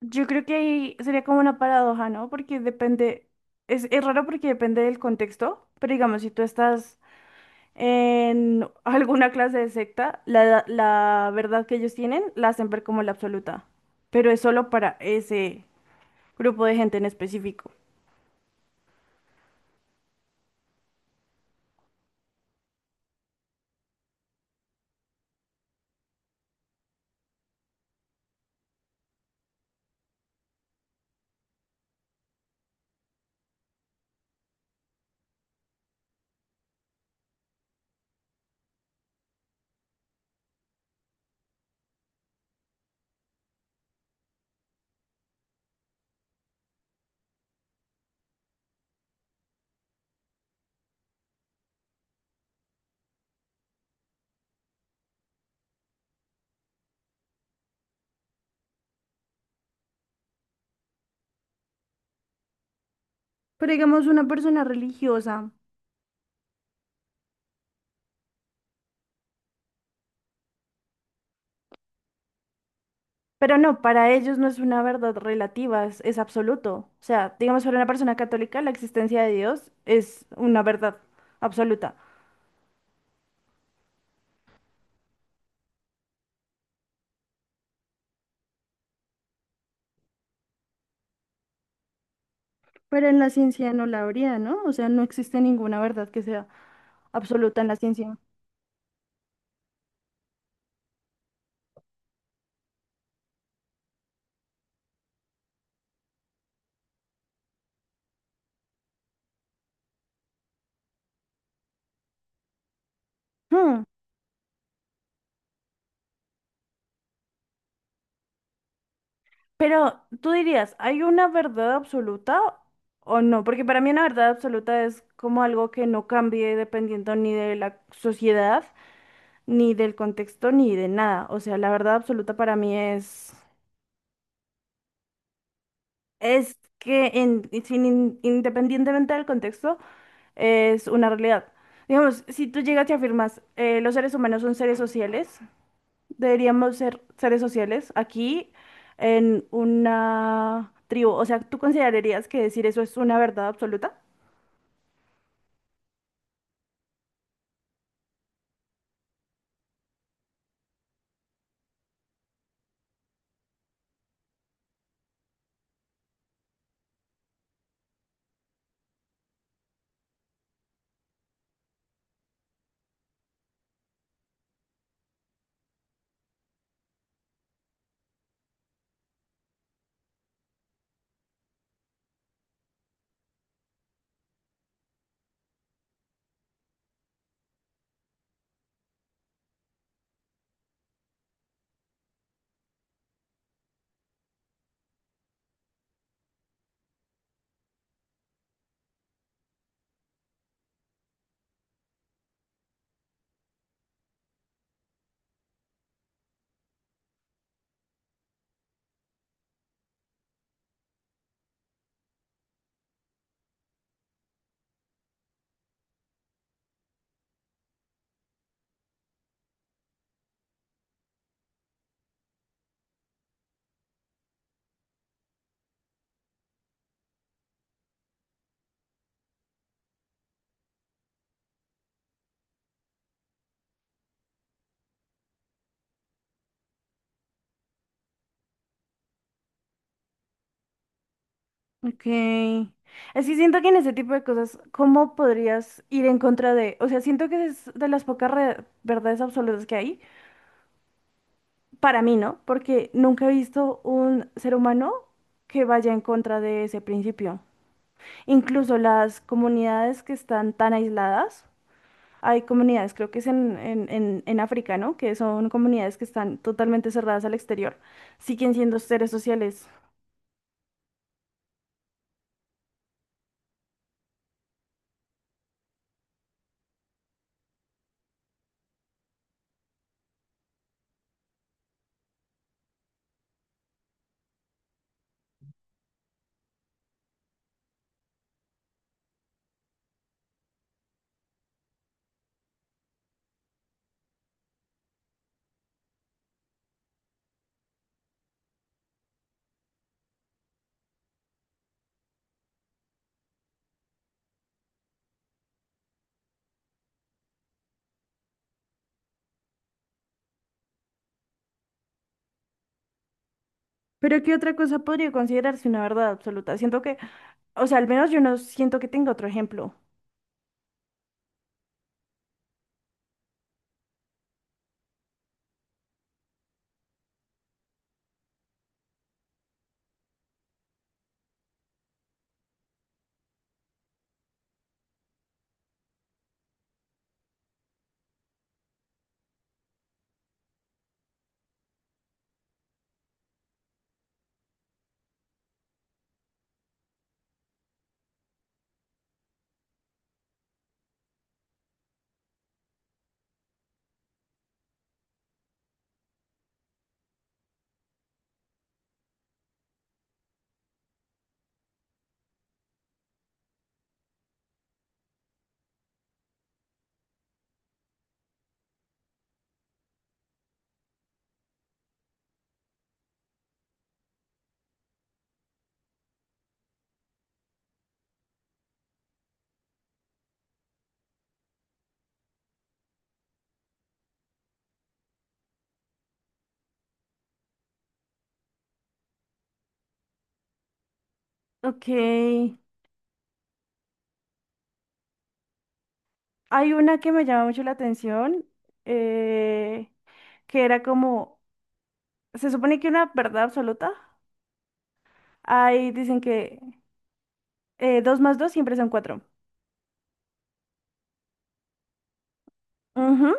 Yo creo que ahí sería como una paradoja, ¿no? Porque depende, es raro porque depende del contexto, pero digamos, si tú estás en alguna clase de secta, la verdad que ellos tienen la hacen ver como la absoluta, pero es solo para ese grupo de gente en específico. Pero digamos, una persona religiosa, pero no, para ellos no es una verdad relativa, es absoluto. O sea, digamos, para una persona católica, la existencia de Dios es una verdad absoluta. Pero en la ciencia no la habría, ¿no? O sea, no existe ninguna verdad que sea absoluta en la ciencia. Hmm. Pero tú dirías, ¿hay una verdad absoluta o no? Porque para mí una verdad absoluta es como algo que no cambie dependiendo ni de la sociedad, ni del contexto, ni de nada. O sea, la verdad absoluta para mí es que en- sin in- independientemente del contexto, es una realidad. Digamos, si tú llegas y afirmas, los seres humanos son seres sociales. Deberíamos ser seres sociales aquí en una tribu. O sea, ¿tú considerarías que decir eso es una verdad absoluta? Ok. Es que siento que en ese tipo de cosas, ¿cómo podrías ir en contra de...? O sea, siento que es de las pocas verdades absolutas que hay. Para mí, ¿no? Porque nunca he visto un ser humano que vaya en contra de ese principio. Incluso las comunidades que están tan aisladas. Hay comunidades, creo que es en África, ¿no? Que son comunidades que están totalmente cerradas al exterior. Siguen siendo seres sociales. Pero ¿qué otra cosa podría considerarse una verdad absoluta? Siento que, o sea, al menos yo no siento que tenga otro ejemplo. Ok. Hay una que me llama mucho la atención, eh, que era como, se supone que una verdad absoluta. Ahí dicen que dos más dos siempre son cuatro. Ujú.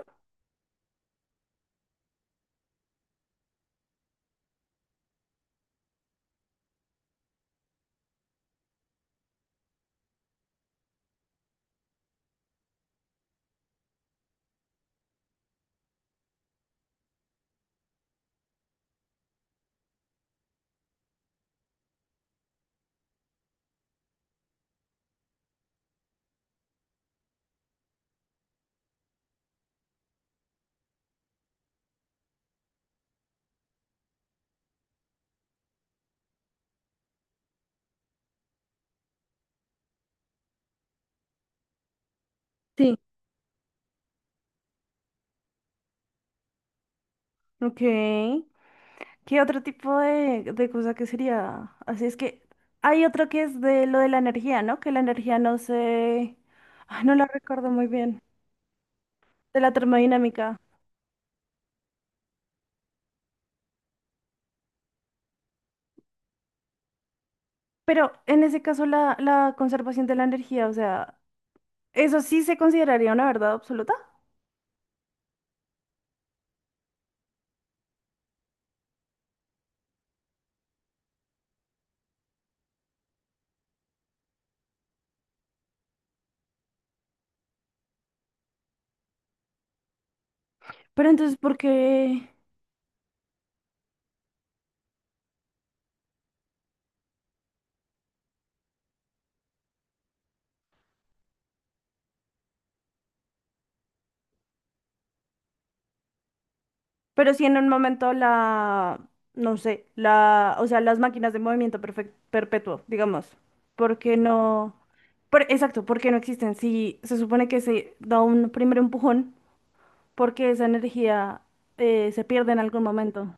Sí. Ok. ¿Qué otro tipo de cosa que sería? Así es que hay otro que es de lo de la energía, ¿no? Que la energía no se... Ay, no la recuerdo muy bien. De la termodinámica. Pero en ese caso la, la conservación de la energía, o sea, ¿eso sí se consideraría una verdad absoluta? Pero entonces, ¿por qué? Pero si en un momento la, no sé, la, o sea, las máquinas de movimiento perpetuo, digamos, ¿por qué no? Por, exacto, ¿por qué no existen? Si se supone que se da un primer empujón, porque esa energía se pierde en algún momento?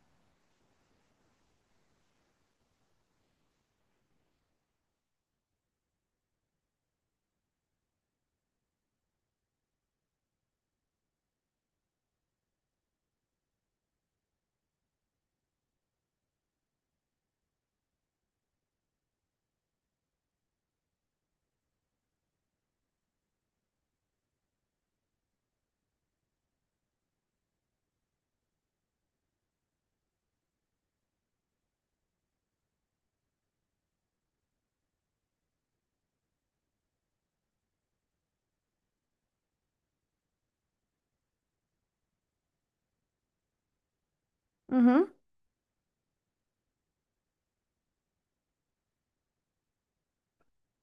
Ujú,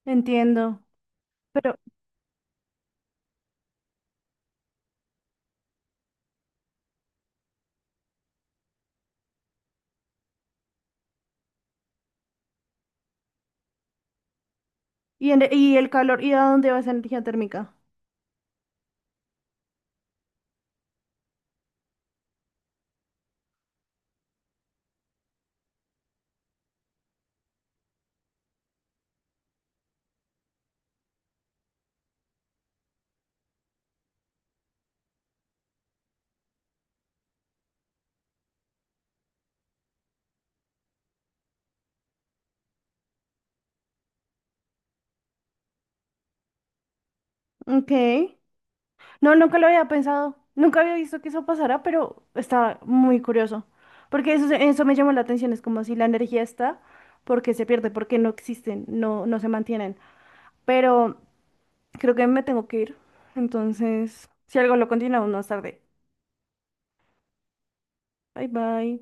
entiendo. Pero, ¿y, en- y el calor? ¿Y a dónde va esa energía térmica? Ok. No, nunca lo había pensado, nunca había visto que eso pasara, pero está muy curioso, porque eso, eso me llamó la atención, es como si la energía está, porque se pierde, porque no existen, no, no se mantienen, pero creo que me tengo que ir, entonces, si algo lo continuamos más tarde. Bye bye.